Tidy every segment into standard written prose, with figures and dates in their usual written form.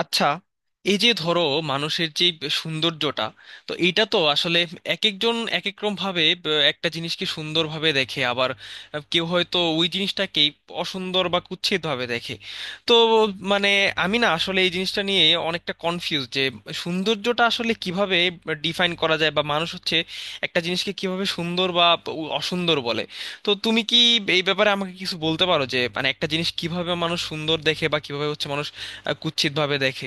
আচ্ছা, এই যে ধরো মানুষের যে সৌন্দর্যটা, তো এইটা তো আসলে এক একজন এক এক রকম ভাবে একটা জিনিসকে সুন্দরভাবে দেখে, আবার কেউ হয়তো ওই জিনিসটাকেই অসুন্দর বা কুৎসিত ভাবে দেখে। তো মানে আমি না আসলে এই জিনিসটা নিয়ে অনেকটা কনফিউজ যে সৌন্দর্যটা আসলে কিভাবে ডিফাইন করা যায়, বা মানুষ হচ্ছে একটা জিনিসকে কিভাবে সুন্দর বা অসুন্দর বলে। তো তুমি কি এই ব্যাপারে আমাকে কিছু বলতে পারো যে মানে একটা জিনিস কিভাবে মানুষ সুন্দর দেখে বা কিভাবে হচ্ছে কুৎসিত ভাবে দেখে?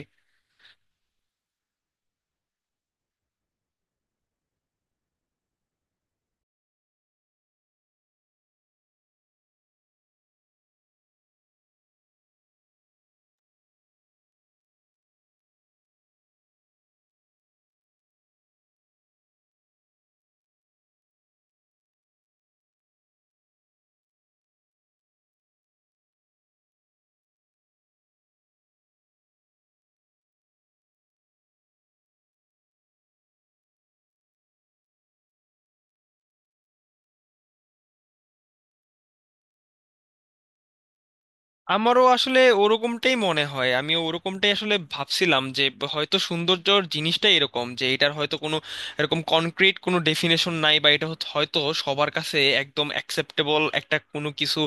আমারও আসলে ওরকমটাই মনে হয়, আমি ওরকমটাই আসলে ভাবছিলাম যে হয়তো সৌন্দর্যর জিনিসটাই এরকম যে এটার হয়তো কোনো এরকম কনক্রিট কোনো ডেফিনেশন নাই, বা এটা হচ্ছে- হয়তো সবার কাছে একদম অ্যাকসেপ্টেবল একটা কোনো কিছু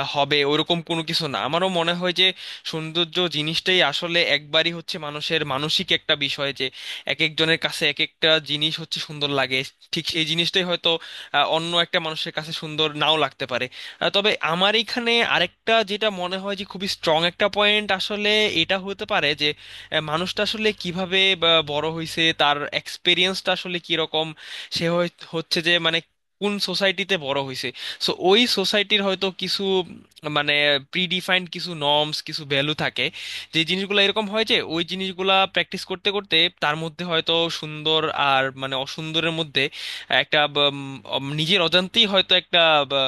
হবে ওরকম কোনো কিছু না। আমারও মনে হয় যে সৌন্দর্য জিনিসটাই আসলে একবারই হচ্ছে মানুষের মানসিক একটা বিষয়, যে এক একজনের কাছে এক একটা জিনিস হচ্ছে সুন্দর লাগে, ঠিক সেই জিনিসটাই হয়তো অন্য একটা মানুষের কাছে সুন্দর নাও লাগতে পারে। তবে আমার এখানে আরেকটা যেটা মনে হয় যে খুবই স্ট্রং একটা পয়েন্ট, আসলে এটা হতে পারে যে মানুষটা আসলে কিভাবে বড় হয়েছে, তার এক্সপিরিয়েন্সটা আসলে কিরকম, হচ্ছে যে মানে কোন সোসাইটিতে বড় হয়েছে। সো ওই সোসাইটির হয়তো কিছু মানে প্রিডিফাইন্ড কিছু নর্মস, কিছু ভ্যালু থাকে, যে জিনিসগুলো এরকম হয় যে ওই জিনিসগুলা প্র্যাকটিস করতে করতে তার মধ্যে হয়তো সুন্দর আর অসুন্দরের মধ্যে একটা উম, নিজের অজান্তেই হয়তো একটা বা,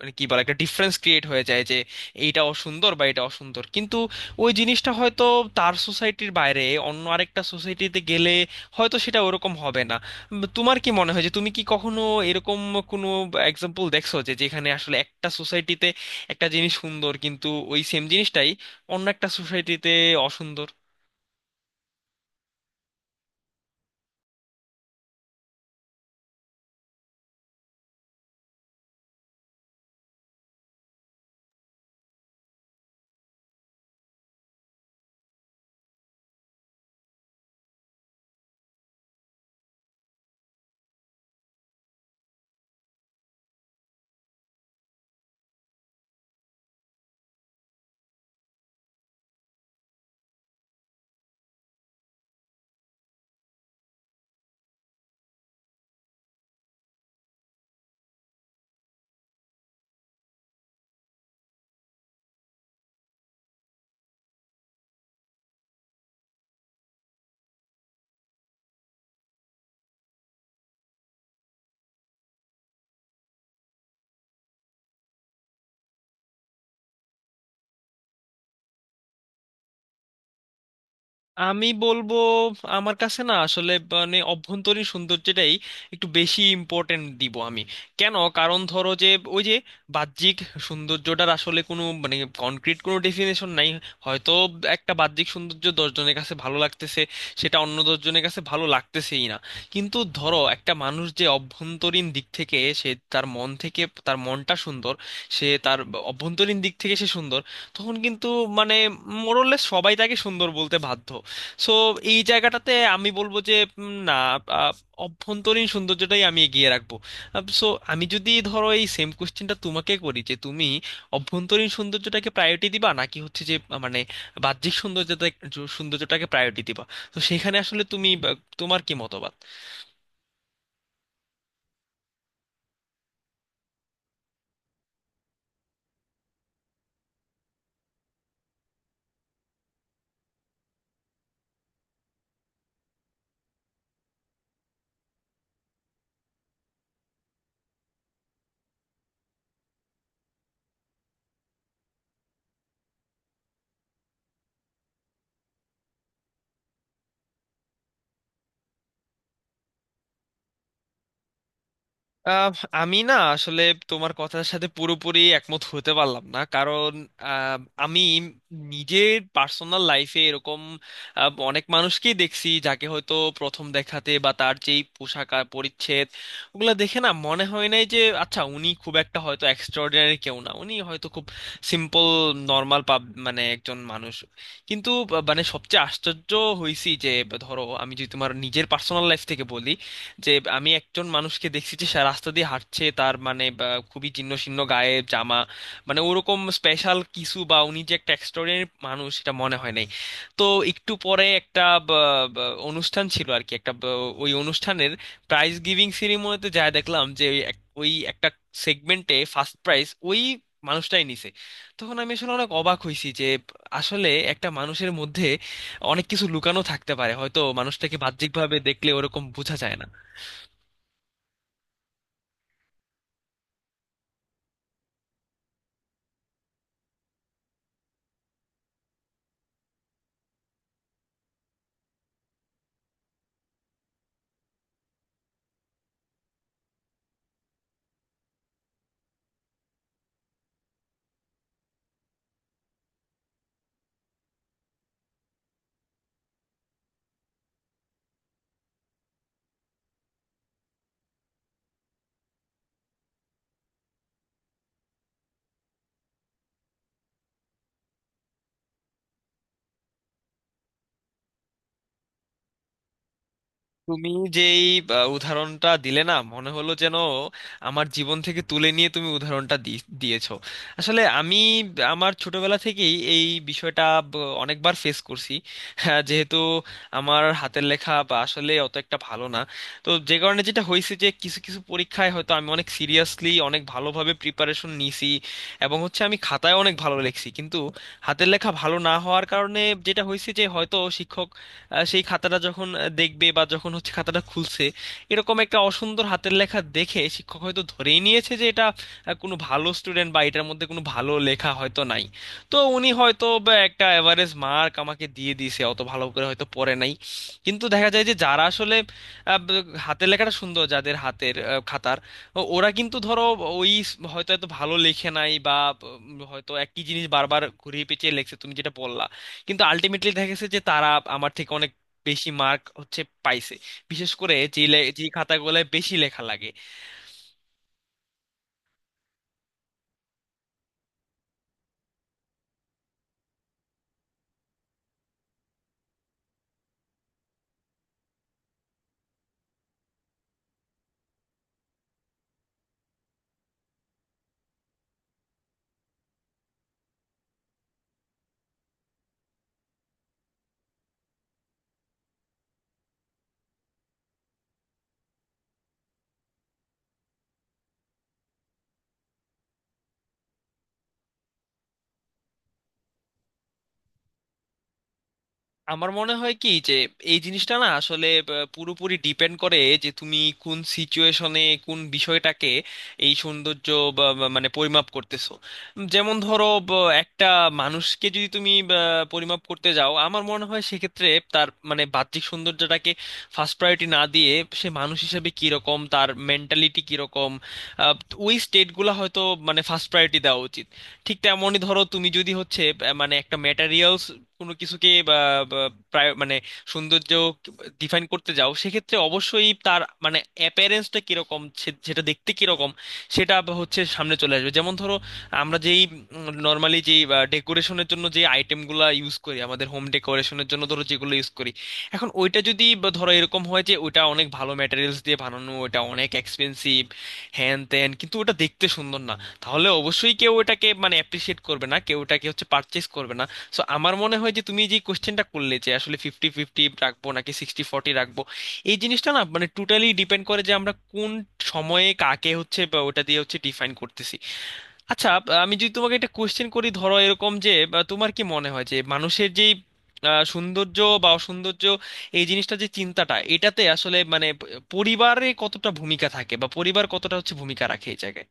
মানে কি বলে একটা ডিফারেন্স ক্রিয়েট হয়ে যায় যে এইটা অসুন্দর বা এটা অসুন্দর। কিন্তু ওই জিনিসটা হয়তো তার সোসাইটির বাইরে অন্য আরেকটা সোসাইটিতে গেলে হয়তো সেটা ওরকম হবে না। তোমার কি মনে হয় যে তুমি কি কখনো এরকম কোনো এক্সাম্পল দেখছো, যে যেখানে আসলে একটা সোসাইটিতে একটা জিনিস সুন্দর, কিন্তু ওই সেম জিনিসটাই অন্য একটা সোসাইটিতে অসুন্দর? আমি বলবো, আমার কাছে না আসলে অভ্যন্তরীণ সৌন্দর্যটাই একটু বেশি ইম্পর্টেন্ট দিব আমি। কেন? কারণ ধরো যে ওই যে বাহ্যিক সৌন্দর্যটার আসলে কোনো কনক্রিট কোনো ডেফিনেশন নাই। হয়তো একটা বাহ্যিক সৌন্দর্য দশজনের কাছে ভালো লাগতেছে, সেটা অন্য দশজনের কাছে ভালো লাগতেছেই না। কিন্তু ধরো একটা মানুষ যে অভ্যন্তরীণ দিক থেকে, সে তার মন থেকে, তার মনটা সুন্দর, সে তার অভ্যন্তরীণ দিক থেকে সে সুন্দর, তখন কিন্তু মানে মোরলেস সবাই তাকে সুন্দর বলতে বাধ্য। সো এই জায়গাটাতে আমি বলবো যে না, আহ, অভ্যন্তরীণ সৌন্দর্যটাই আমি এগিয়ে রাখবো। সো আমি যদি ধরো এই সেম কোশ্চেনটা তোমাকে করি, যে তুমি অভ্যন্তরীণ সৌন্দর্যটাকে প্রায়োরিটি দিবা নাকি হচ্ছে যে বাহ্যিক সৌন্দর্যটাকে প্রায়োরিটি দিবা, তো সেখানে আসলে তুমি তোমার কি মতবাদ? আহ, আমি না আসলে তোমার কথার সাথে পুরোপুরি একমত হতে পারলাম না, কারণ আহ, আমি নিজের পার্সোনাল লাইফে এরকম অনেক মানুষকেই দেখছি যাকে হয়তো প্রথম দেখাতে বা তার যেই পোশাক আর পরিচ্ছদ ওগুলো দেখে না মনে হয় নাই যে আচ্ছা উনি খুব একটা হয়তো এক্সট্রাঅর্ডিনারি কেউ না, উনি হয়তো খুব সিম্পল, নর্মাল পাব মানে একজন মানুষ। কিন্তু সবচেয়ে আশ্চর্য হয়েছি যে ধরো আমি যদি তোমার নিজের পার্সোনাল লাইফ থেকে বলি যে আমি একজন মানুষকে দেখছি যে সে রাস্তা দিয়ে হাঁটছে, তার মানে খুবই ছিন্ন ছিন্ন গায়ে জামা, মানে ওরকম স্পেশাল কিছু বা উনি যে একটা এক্সট্রাঅর্ডিনারি মানুষ সেটা মনে হয় নাই। তো একটু পরে একটা বা, অনুষ্ঠান ছিল আর কি, একটা ওই অনুষ্ঠানের প্রাইজ গিভিং সেরিমনিতে যা দেখলাম, যে ওই ওই একটা সেগমেন্টে ফার্স্ট প্রাইজ ওই মানুষটাই নিছে। তখন আমি আসলে অনেক অবাক হয়েছি যে আসলে একটা মানুষের মধ্যে অনেক কিছু লুকানো থাকতে পারে, হয়তো মানুষটাকে বাহ্যিকভাবে দেখলে ওরকম বোঝা যায় না। তুমি যেই উদাহরণটা দিলে না, মনে হলো যেন আমার জীবন থেকে তুলে নিয়ে তুমি দিয়েছো। আসলে আমি আমার ছোটবেলা থেকেই এই বিষয়টা ব- অনেকবার ফেস করছি। হ্যাঁ, যেহেতু আমার হাতের লেখা বা আসলে অত একটা ভালো না, তো যে কারণে যেটা হয়েছে যে কিছু কিছু পরীক্ষায় হয়তো আমি অনেক সিরিয়াসলি অনেক ভালোভাবে প্রিপারেশন নিছি এবং হচ্ছে আমি খাতায় অনেক ভালো লিখছি, কিন্তু হাতের লেখা ভালো না হওয়ার কারণে যেটা হয়েছে যে হয়তো শিক্ষকরা সেই খাতাটা যখন দেখবে বা যখন হচ্ছে খাতাটা খুলছে, এরকম একটা অসুন্দর হাতের লেখা দেখে শিক্ষক হয়তো ধরেই নিয়েছে যে এটা কোনো ভালো স্টুডেন্ট বা এটার মধ্যে কোনো ভালো লেখা হয়তো নাই। তো উনি হয়তো বা একটা এভারেজ মার্ক আমাকে দিয়ে দিয়েছে, অত ভালো করে হয়তো পড়ে নাই। কিন্তু দেখা যায় যে যারা আসলে হাতের লেখাটা সুন্দর, যাদের হাতের খাতার ওরা কিন্তু ধরো হয়তো এত ভালো লেখে নাই বা হয়তো একই জিনিস বারবার ঘুরিয়ে পেঁচিয়ে লেখছে তুমি যেটা বললা, কিন্তু আলটিমেটলি দেখা গেছে যে তারা আমার থেকে। আমার মনে হয় কি যে এই জিনিসটা না আসলে পুরোপুরি ডিপেন্ড করে যে তুমি কোন সিচুয়েশনে কোন বিষয়টাকে এই সৌন্দর্য বা বা পরিমাপ করতেছো। যেমন ধরো একটা মানুষকে যদি তুমি পরিমাপ করতে যাও, আমার মনে হয় সেক্ষেত্রে তার মানে বাহ্যিক সৌন্দর্যটাকে ফার্স্ট প্রায়োরিটি না দিয়ে, সে মানুষ হিসেবে কিরকম, তার মেন্টালিটি কিরকম, আহ, ওই স্টেটগুলো হয়তো ফার্স্ট প্রায়োরিটি দেওয়া উচিত। ঠিক তেমনই ধরো তুমি যদি হচ্ছে একটা ম্যাটেরিয়ালস কোনো কিছুকে বা বা প্রায়- সৌন্দর্য ডিফাইন করতে যাও, সেক্ষেত্রে অবশ্যই তার মানে অ্যাপিয়ারেন্সটা কিরকম, সেটা দেখতে কিরকম, সেটা বা হচ্ছে সামনে চলে আসবে। যেমন ধরো আমরা যেই নর্মালি যেই ডেকোরেশনের জন্য যে আইটেমগুলো ইউজ করি, আমাদের হোম ডেকোরেশনের জন্য ধরো যেগুলো ইউজ করি, এখন ওইটা যদি বা ধরো এরকম হয় যে ওইটা অনেক ভালো ম্যাটেরিয়ালস দিয়ে বানানো, ওটা অনেক এক্সপেন্সিভ হ্যান ত্যান, কিন্তু ওটা দেখতে সুন্দর না, তাহলে অবশ্যই কেউ এটাকে মানে অ্যাপ্রিসিয়েট করবে না, কেউ এটাকে হচ্ছে পারচেস করবে না। সো আমার মনে হয় যে তুমি যে কোশ্চেনটা করলে যে আসলে ফিফটি ফিফটি রাখবো নাকি সিক্সটি ফর্টি রাখবো, এই জিনিসটা না মানে টোটালি ডিপেন্ড করে যে আমরা কোন সময়ে কাকে হচ্ছে বা ওটা দিয়ে হচ্ছে ডিফাইন করতেছি। আচ্ছা আমি যদি তোমাকে একটা কোশ্চেন করি ধরো এরকম যে তোমার কি মনে হয় যে মানুষের যেই সৌন্দর্য বা অসৌন্দর্য, এই জিনিসটা যে চিন্তাটা, এটাতে আসলে মানে পরিবারে কতটা ভূমিকা থাকে বা পরিবার কতটা হচ্ছে ভূমিকা রাখে এই জায়গায়?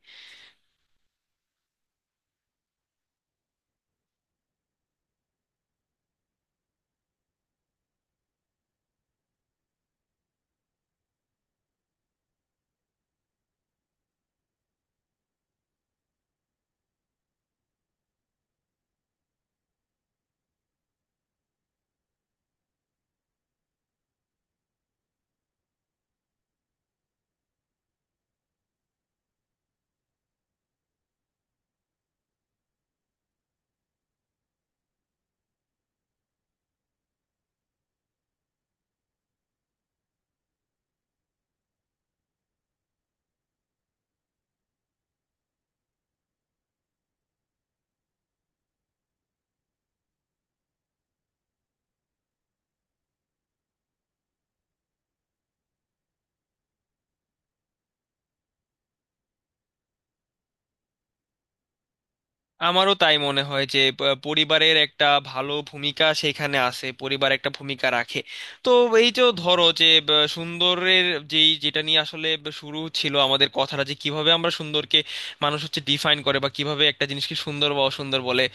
আমারও তাই মনে হয় যে পরিবারের একটা ভালো ভূমিকা সেখানে আছে, পরিবার একটা ভূমিকা রাখে। তো এই যে ধরো যে সুন্দরের যেই যেটা নিয়ে আসলে শুরু ছিল আমাদের কথাটা, যে কিভাবে আমরা সুন্দরকে মানুষ হচ্ছে ডিফাইন করে বা কিভাবে একটা জিনিসকে সুন্দর বা অসুন্দর বলে,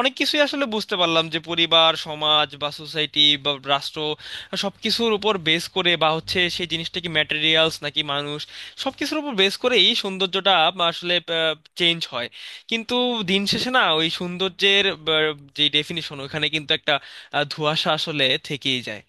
অনেক কিছুই আসলে বুঝতে পারলাম যে পরিবার, সমাজ বা সোসাইটি বা রাষ্ট্র, সবকিছুর উপর বেস করে বা হচ্ছে সেই জিনিসটা কি ম্যাটেরিয়ালস নাকি মানুষ, সবকিছুর উপর বেস করে এই সৌন্দর্যটা আসলে চেঞ্জ হয়। কিন্তু দিন শেষে না ওই সৌন্দর্যের যে ডেফিনিশন, ওখানে কিন্তু একটা ধোঁয়াশা আসলে থেকেই যায়।